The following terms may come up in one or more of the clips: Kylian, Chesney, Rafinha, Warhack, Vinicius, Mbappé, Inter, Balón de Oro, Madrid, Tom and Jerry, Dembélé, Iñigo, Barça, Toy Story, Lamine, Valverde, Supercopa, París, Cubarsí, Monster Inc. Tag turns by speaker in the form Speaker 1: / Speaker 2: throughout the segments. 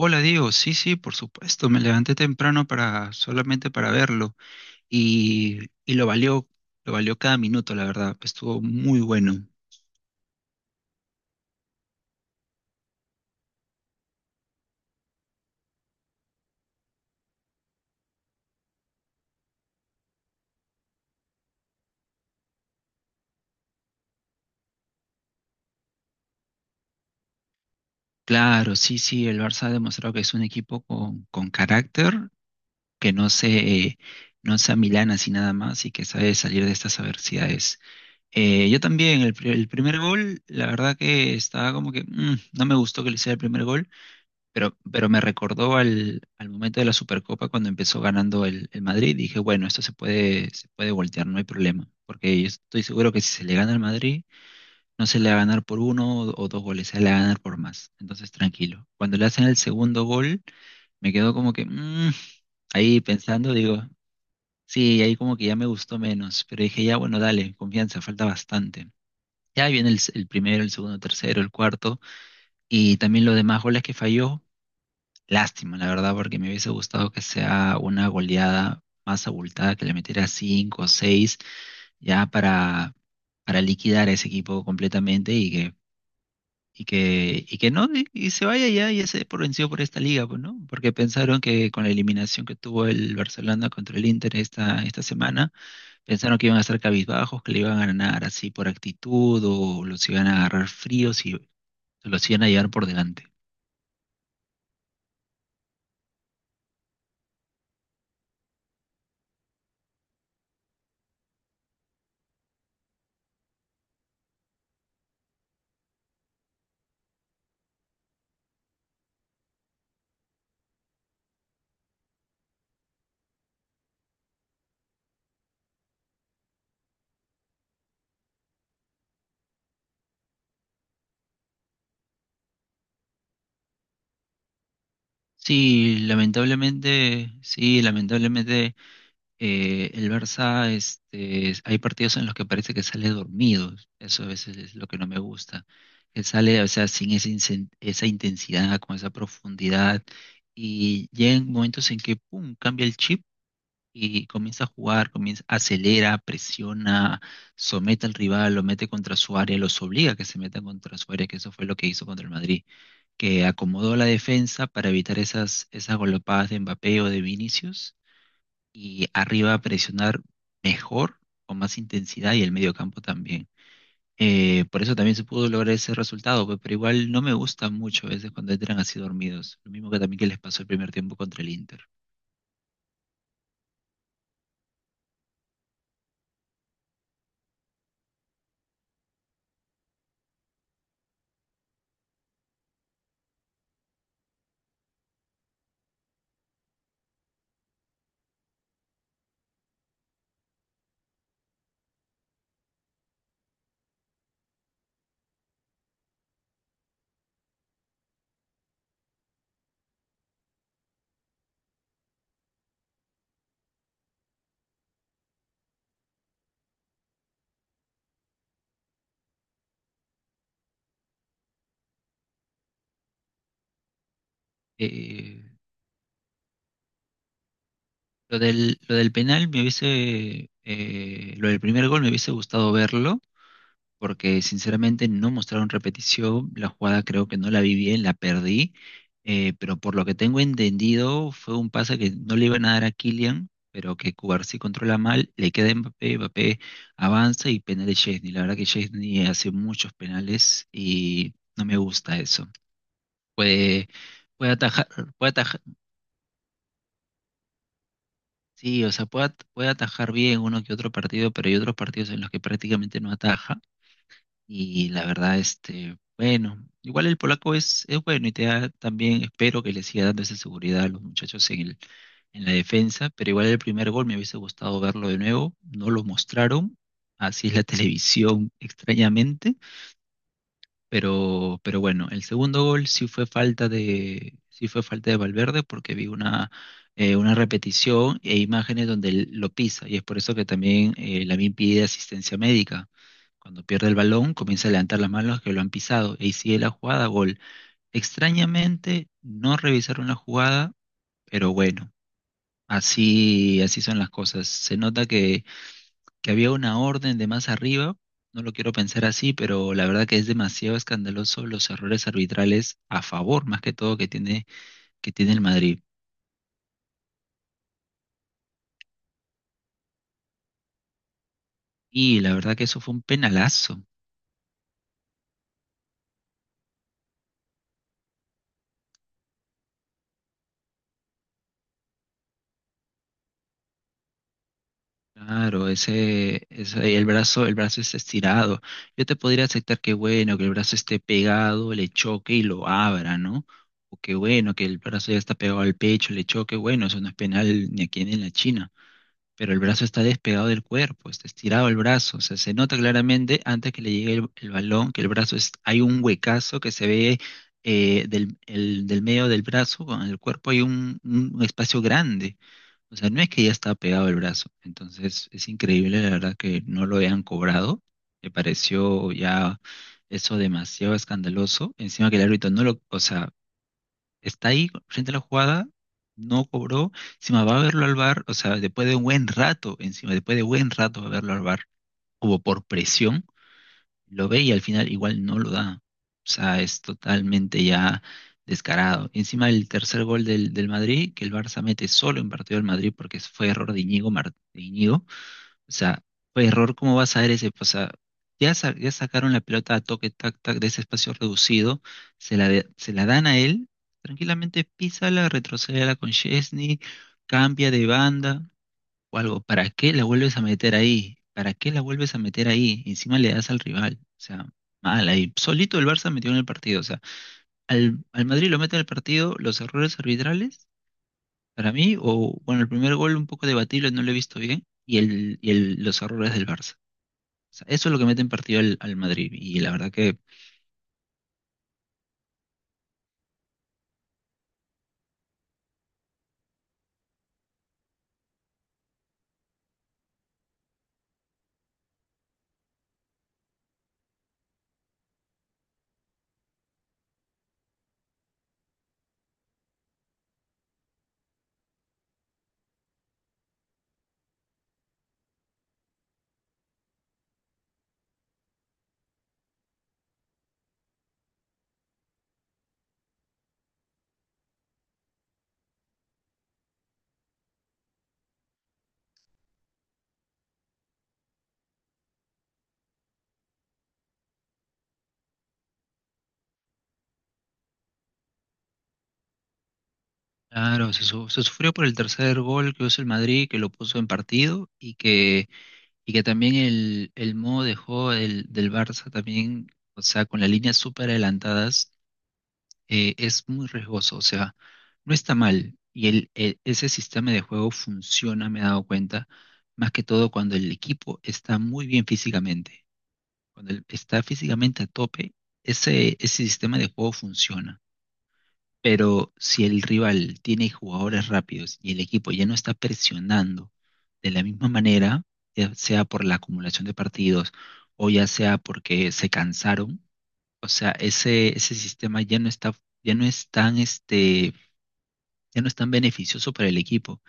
Speaker 1: Hola Diego, sí, sí, por supuesto, me levanté temprano para solamente para verlo y, y lo valió cada minuto, la verdad, estuvo muy bueno. Claro, sí, sí, el Barça ha demostrado que es un equipo con carácter, que no se, eh, no se amilana así nada más y que sabe salir de estas adversidades. Yo también, el primer gol, la verdad que estaba como que no me gustó que le hiciera el primer gol. Pero me recordó al momento de la Supercopa cuando empezó ganando el Madrid. Dije, bueno, esto se puede voltear, no hay problema. Porque yo estoy seguro que si se le gana al Madrid, no se le va a ganar por uno o dos goles, se le va a ganar por más. Entonces, tranquilo. Cuando le hacen el segundo gol, me quedo como que ahí pensando, digo, sí, ahí como que ya me gustó menos. Pero dije, ya, bueno, dale, confianza, falta bastante. Ya viene el primero, el segundo, tercero, el cuarto. Y también los demás goles que falló. Lástima, la verdad, porque me hubiese gustado que sea una goleada más abultada, que le metiera cinco o seis, ya para, para liquidar a ese equipo completamente y que, y que, y que no, y, se vaya ya y se dé por vencido por esta liga, pues, ¿no? Porque pensaron que con la eliminación que tuvo el Barcelona contra el Inter esta semana, pensaron que iban a estar cabizbajos, que le iban a ganar así por actitud, o los iban a agarrar fríos y los iban a llevar por delante. Sí, lamentablemente el Barça, este, es- hay partidos en los que parece que sale dormido. Eso a veces es lo que no me gusta. Que sale, o sea, sin esa, incen- esa intensidad, con esa profundidad. Y llegan momentos en que, pum, cambia el chip y comienza a jugar, comienza, acelera, presiona, somete al rival, lo mete contra su área, los obliga a que se metan contra su área, que eso fue lo que hizo contra el Madrid, que acomodó la defensa para evitar esas, esas galopadas de Mbappé o de Vinicius y arriba presionar mejor, con más intensidad y el mediocampo también. Por eso también se pudo lograr ese resultado, pero igual no me gusta mucho a veces cuando entran así dormidos, lo mismo que también que les pasó el primer tiempo contra el Inter. Eh, lo del penal me hubiese, lo del primer gol me hubiese gustado verlo, porque sinceramente no mostraron repetición, la jugada creo que no la vi bien, la perdí, pero por lo que tengo entendido fue un pase que no le iban a dar a Kylian, pero que Cubarsí controla mal, le queda a Mbappé, Mbappé avanza y penal de Chesney. La verdad que Chesney hace muchos penales y no me gusta eso. Puede, puede atajar, puede atajar. Sí, o sea, puede, at- puede atajar bien uno que otro partido, pero hay otros partidos en los que prácticamente no ataja. Y la verdad, este, bueno, igual el polaco es bueno y te da también, espero que le siga dando esa seguridad a los muchachos en la defensa, pero igual el primer gol me hubiese gustado verlo de nuevo, no lo mostraron, así es la televisión extrañamente, pero bueno, el segundo gol sí fue falta de, sí fue falta de Valverde porque vi una repetición e imágenes donde él lo pisa y es por eso que también Lamine pide asistencia médica. Cuando pierde el balón, comienza a levantar las manos que lo han pisado y sigue la jugada, gol. Extrañamente no revisaron la jugada, pero bueno, así, así son las cosas. Se nota que había una orden de más arriba, no lo quiero pensar así, pero la verdad que es demasiado escandaloso los errores arbitrales a favor, más que todo, que tiene el Madrid. Y la verdad que eso fue un penalazo. Claro, ese, el brazo está estirado. Yo te podría aceptar que bueno, que el brazo esté pegado, le choque y lo abra, ¿no? O que bueno, que el brazo ya está pegado al pecho, le choque, bueno, eso no es penal ni aquí ni en la China. Pero el brazo está despegado del cuerpo, está estirado el brazo, o sea, se nota claramente antes que le llegue el balón que el brazo es, hay un huecazo que se ve, del medio del brazo, con el cuerpo hay un espacio grande, o sea, no es que ya está pegado el brazo, entonces es increíble la verdad que no lo hayan cobrado, me pareció ya eso demasiado escandaloso, encima que el árbitro no lo, o sea, está ahí frente a la jugada, no cobró, encima va a verlo al bar, o sea, después de un buen rato, encima, después de buen rato va a verlo al bar como por presión, lo ve y al final igual no lo da. O sea, es totalmente ya descarado. Encima el tercer gol del Madrid, que el Barça mete solo en partido del Madrid porque fue error de Iñigo, de Iñigo, o sea, fue error, ¿cómo vas a ver ese? Pues, o sea, ya, sa- ya sacaron la pelota a toque, tac, tac, de ese espacio reducido, se la dan a él, tranquilamente písala, retrocédela con Chesney, cambia de banda o algo. ¿Para qué la vuelves a meter ahí? ¿Para qué la vuelves a meter ahí? Encima le das al rival. O sea, mal ahí. Solito el Barça metió en el partido. O sea, al Madrid lo mete en el partido, los errores arbitrales. Para mí, o bueno, el primer gol un poco debatible, no lo he visto bien, y los errores del Barça sea, eso es lo que mete en partido al Madrid. Y la verdad que, claro, se sufrió por el tercer gol que hizo el Madrid, que lo puso en partido y que también el modo de juego del Barça también, o sea, con las líneas súper adelantadas, es muy riesgoso. O sea, no está mal. Y ese sistema de juego funciona, me he dado cuenta, más que todo cuando el equipo está muy bien físicamente. Cuando el- está físicamente a tope, ese sistema de juego funciona. Pero si el rival tiene jugadores rápidos y el equipo ya no está presionando de la misma manera, ya sea por la acumulación de partidos o ya sea porque se cansaron, o sea, ese sistema ya no está, ya no es tan, este, ya no es tan beneficioso para el equipo.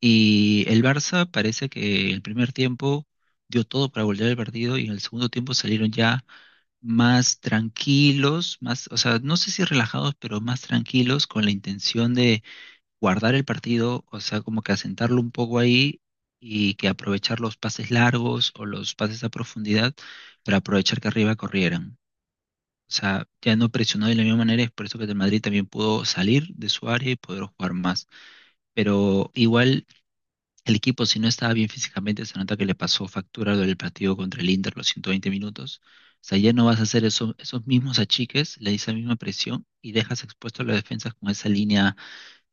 Speaker 1: Y el Barça parece que el primer tiempo dio todo para volver el partido y en el segundo tiempo salieron ya más tranquilos, más, o sea, no sé si relajados, pero más tranquilos con la intención de guardar el partido, o sea, como que asentarlo un poco ahí y que aprovechar los pases largos o los pases a profundidad para aprovechar que arriba corrieran. O sea, ya no presionó de la misma manera, es por eso que el Madrid también pudo salir de su área y poder jugar más. Pero igual el equipo, si no estaba bien físicamente, se nota que le pasó factura del partido contra el Inter los 120 minutos. O sea, ya no vas a hacer eso- esos mismos achiques, le esa misma presión y dejas expuesto a las defensas con esa línea,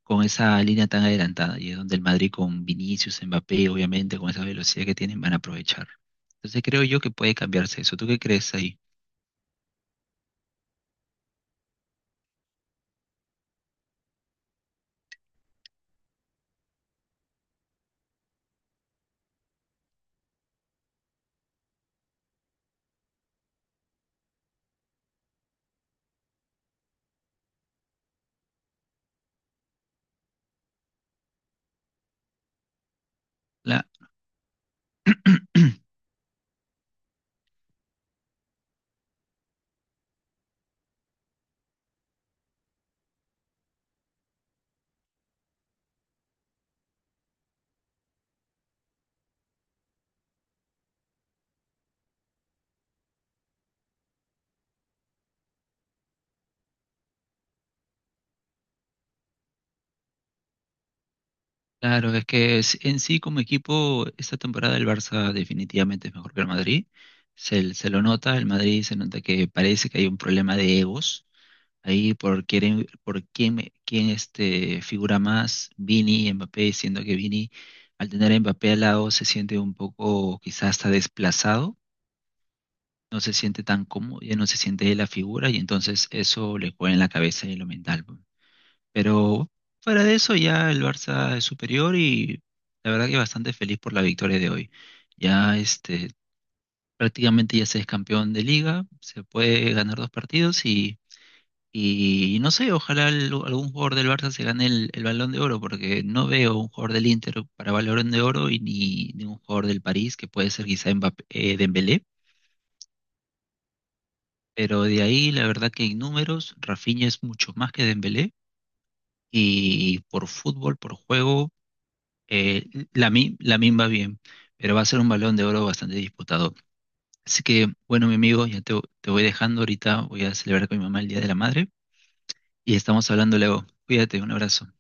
Speaker 1: con esa línea tan adelantada y es donde el Madrid con Vinicius, Mbappé, obviamente con esa velocidad que tienen van a aprovechar. Entonces creo yo que puede cambiarse eso. ¿Tú qué crees ahí? La- claro, es que es- en sí como equipo esta temporada el Barça definitivamente es mejor que el Madrid. Se lo nota, el Madrid se nota que parece que hay un problema de egos. Ahí quién este, figura más, Vini, Mbappé, siendo que Vini al tener a Mbappé al lado se siente un poco quizás hasta desplazado, no se siente tan cómodo, ya no se siente de la figura y entonces eso le juega en la cabeza y en lo mental, pues. Pero fuera de eso ya el Barça es superior y la verdad que bastante feliz por la victoria de hoy. Ya este prácticamente ya se es campeón de liga, se puede ganar dos partidos y no sé, ojalá al- algún jugador del Barça se gane el Balón de Oro, porque no veo un jugador del Inter para Balón de Oro y ni un jugador del París, que puede ser quizá Mbappé, Dembélé. Pero de ahí, la verdad que en números, Rafinha es mucho más que Dembélé. Y por fútbol, por juego, eh, Lamine, Lamine va bien. Pero va a ser un balón de oro bastante disputado. Así que, bueno, mi amigo, te voy dejando ahorita. Voy a celebrar con mi mamá el Día de la Madre. Y estamos hablando luego. Cuídate, un abrazo.